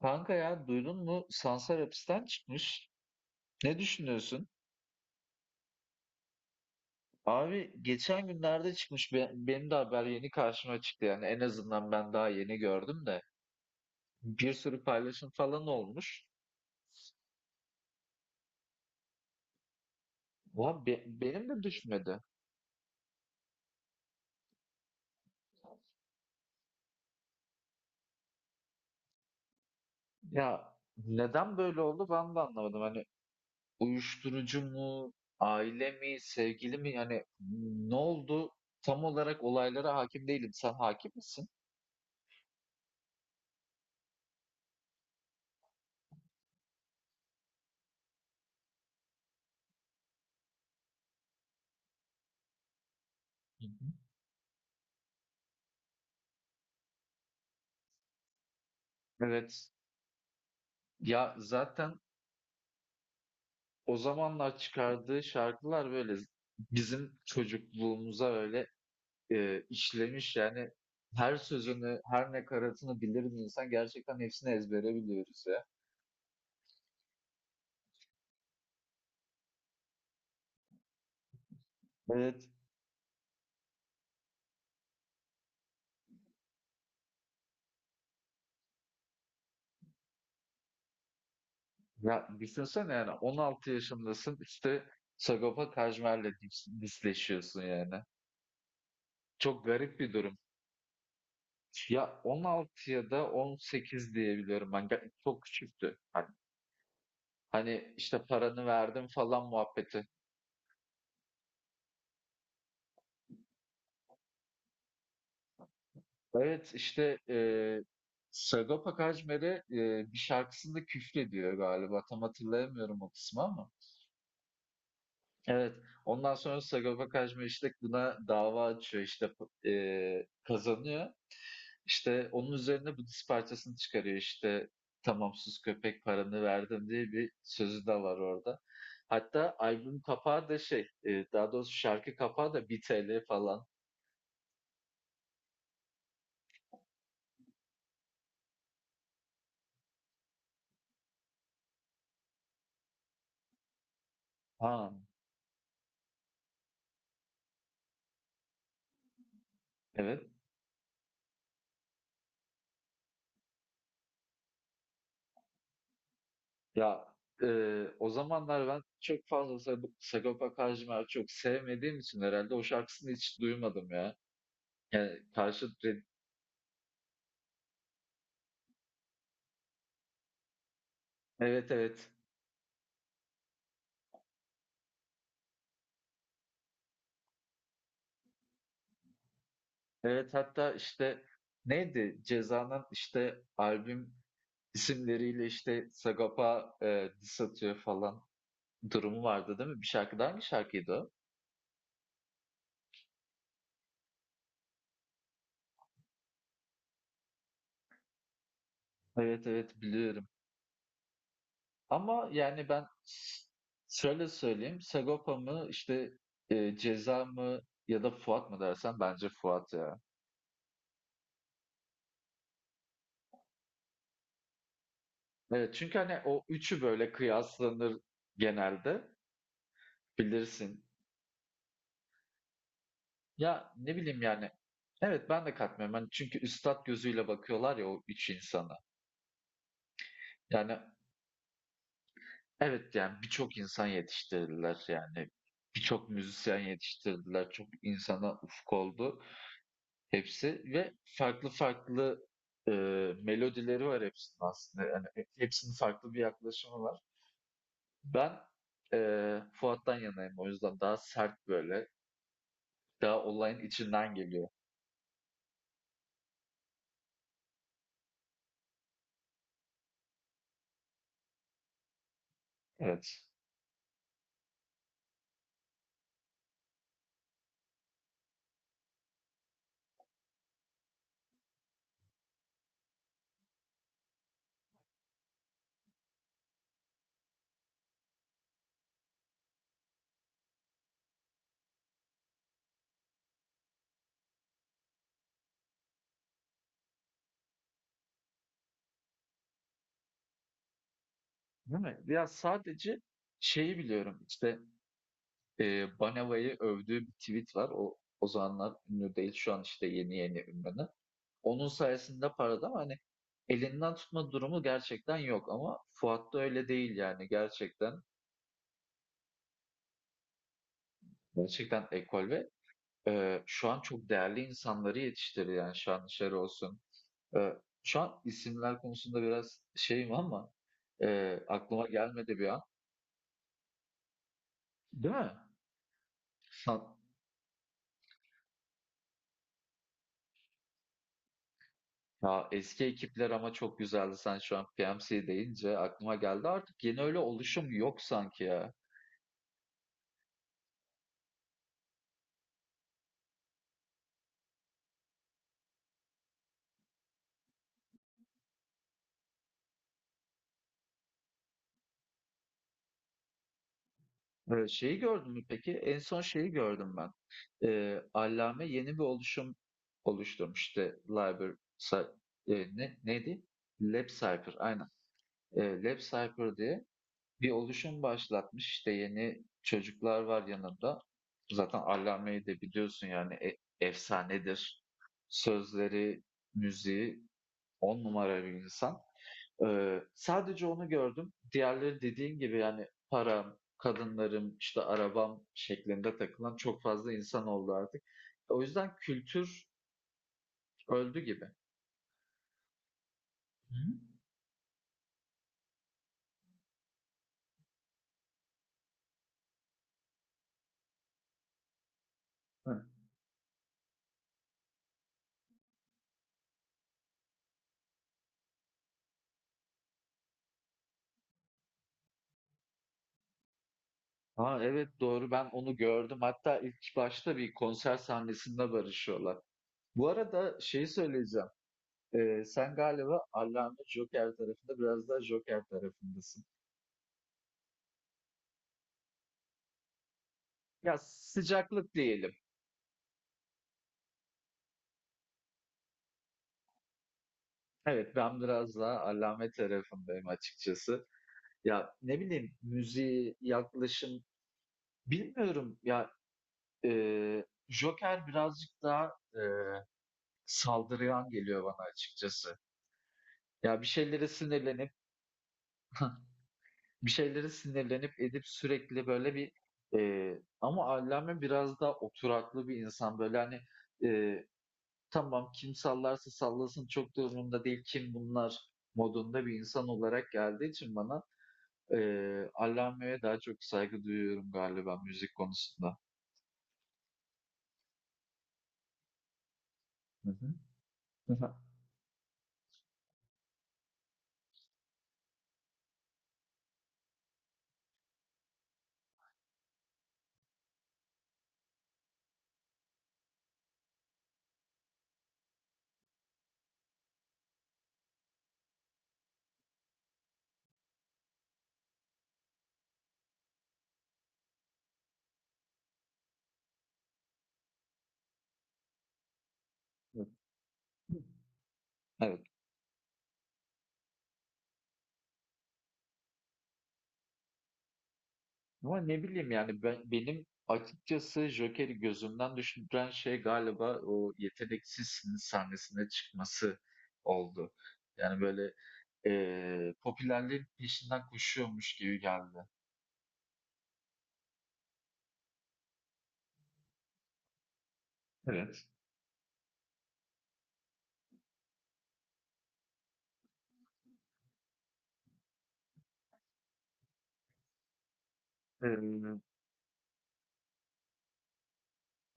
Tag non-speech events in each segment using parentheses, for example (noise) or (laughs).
Kanka, ya duydun mu? Sansar hapisten çıkmış. Ne düşünüyorsun? Abi geçen günlerde çıkmış. Benim de haber yeni karşıma çıktı yani. En azından ben daha yeni gördüm de. Bir sürü paylaşım falan olmuş. Ulan benim de düşmedi. Ya neden böyle oldu ben de anlamadım. Hani uyuşturucu mu, aile mi, sevgili mi? Yani ne oldu? Tam olarak olaylara hakim değilim. Sen hakim misin? Hı hı. Evet. Ya zaten o zamanlar çıkardığı şarkılar böyle bizim çocukluğumuza öyle işlemiş yani, her sözünü, her nakaratını biliriz, insan gerçekten hepsini ezbere biliyoruz ya. Evet. Ya düşünsene, yani 16 yaşındasın işte Sagopa Kajmer'le disleşiyorsun yani. Çok garip bir durum. Ya 16 ya da 18 diye biliyorum ben. Çok küçüktü. Hani işte paranı verdim falan muhabbeti. Evet, işte Sagopa Kajmer'e bir şarkısında küfrediyor galiba. Tam hatırlayamıyorum o kısmı ama. Evet. Ondan sonra Sagopa Kajmer işte buna dava açıyor, işte kazanıyor. İşte onun üzerine bu diss parçasını çıkarıyor, işte tamam sus köpek paranı verdim diye bir sözü de var orada. Hatta albüm kapağı da daha doğrusu şarkı kapağı da 1 TL falan. Ha, evet. Ya o zamanlar ben çok fazla Sagopa Kajmer'i çok sevmediğim için herhalde o şarkısını hiç duymadım ya. Yani karşı, evet evet. Evet, hatta işte neydi? Ceza'nın işte albüm isimleriyle işte Sagopa diss atıyor falan durumu vardı değil mi? Bir şarkıda, hangi şarkıydı o? Evet evet, biliyorum. Ama yani şöyle söyleyeyim. Sagopa mı işte Ceza mı ya da Fuat mı dersen, bence Fuat ya. Evet, çünkü hani o üçü böyle kıyaslanır genelde, bilirsin. Ya ne bileyim yani. Evet, ben de katmıyorum. Hani çünkü üstat gözüyle bakıyorlar ya o üç insana. Yani evet, yani birçok insan yetiştirdiler yani. Birçok müzisyen yetiştirdiler. Çok insana ufuk oldu. Hepsi ve farklı farklı, melodileri var hepsinin aslında. Yani hepsinin farklı bir yaklaşımı var. Ben, Fuat'tan yanayım o yüzden. Daha sert böyle, daha olayın içinden geliyor. Evet. Değil mi? Ya sadece şeyi biliyorum işte, Baneva'yı övdüğü bir tweet var. O, o zamanlar ünlü değil. Şu an işte yeni yeni ünlü. Onun sayesinde parladı ama hani elinden tutma durumu gerçekten yok, ama Fuat'ta öyle değil yani gerçekten. Gerçekten ekol ve, şu an çok değerli insanları yetiştiriyor. Yani şu an dışarı olsun. Eee, şu an isimler konusunda biraz şeyim ama, aklıma gelmedi bir an. Değil mi? Sen? Ya, eski ekipler ama çok güzeldi. Sen şu an PMC deyince aklıma geldi. Artık yeni öyle oluşum yok sanki ya. Şeyi gördün mü peki? En son şeyi gördüm ben. Allame yeni bir oluşum oluşturmuş. İşte Liber Cy, ne neydi? LabCypher. Aynen. Lab Cypher diye bir oluşum başlatmış. İşte yeni çocuklar var yanında. Zaten Allame'yi de biliyorsun yani efsanedir. Sözleri, müziği on numara bir insan. Sadece onu gördüm. Diğerleri dediğin gibi yani param, kadınlarım, işte arabam şeklinde takılan çok fazla insan oldu artık. O yüzden kültür öldü gibi. Hı. Ha, evet doğru, ben onu gördüm. Hatta ilk başta bir konser sahnesinde barışıyorlar. Bu arada şeyi söyleyeceğim. Sen galiba Allame Joker tarafında, biraz daha Joker tarafındasın. Ya sıcaklık diyelim. Evet, ben biraz daha Allame tarafındayım açıkçası. Ya ne bileyim müziği, yaklaşım bilmiyorum ya, Joker birazcık daha saldırgan geliyor bana açıkçası. Ya bir şeylere sinirlenip (laughs) bir şeylere sinirlenip edip sürekli böyle, ama Allame biraz daha oturaklı bir insan. Böyle, hani, eee, tamam kim sallarsa sallasın çok da umurumda değil, kim bunlar modunda bir insan olarak geldiği için bana, Allame'ye daha çok saygı duyuyorum galiba müzik konusunda. Hı hı. Hı hı. Evet. Evet. Ama ne bileyim yani ben, benim açıkçası Joker'i gözümden düşüren şey galiba o yeteneksizsiniz sahnesine çıkması oldu. Yani böyle popülerliğin peşinden koşuyormuş gibi geldi. Evet. Eee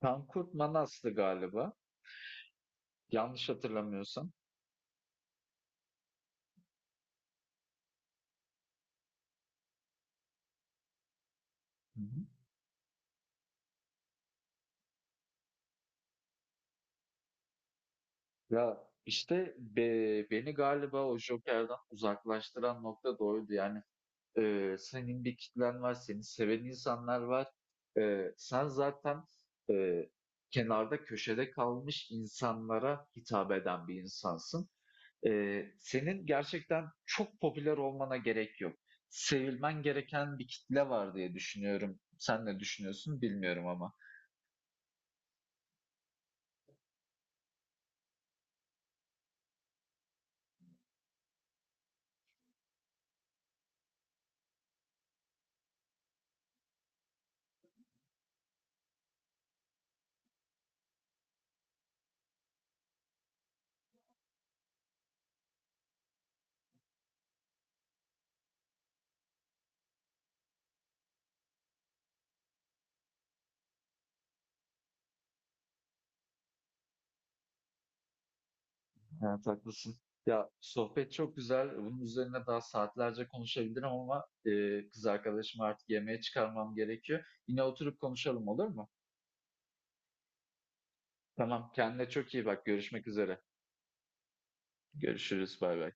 Tankurt Manas'tı galiba. Yanlış hatırlamıyorsam. Hı hı. Ya işte beni galiba o Joker'dan uzaklaştıran nokta da oydu. Yani senin bir kitlen var, seni seven insanlar var. Sen zaten, eee, kenarda, köşede kalmış insanlara hitap eden bir insansın. Senin gerçekten çok popüler olmana gerek yok. Sevilmen gereken bir kitle var diye düşünüyorum. Sen ne düşünüyorsun bilmiyorum ama. Evet, haklısın. Ya sohbet çok güzel. Bunun üzerine daha saatlerce konuşabilirim ama, kız arkadaşımı artık yemeğe çıkarmam gerekiyor. Yine oturup konuşalım, olur mu? Tamam, kendine çok iyi bak. Görüşmek üzere. Görüşürüz. Bay bay.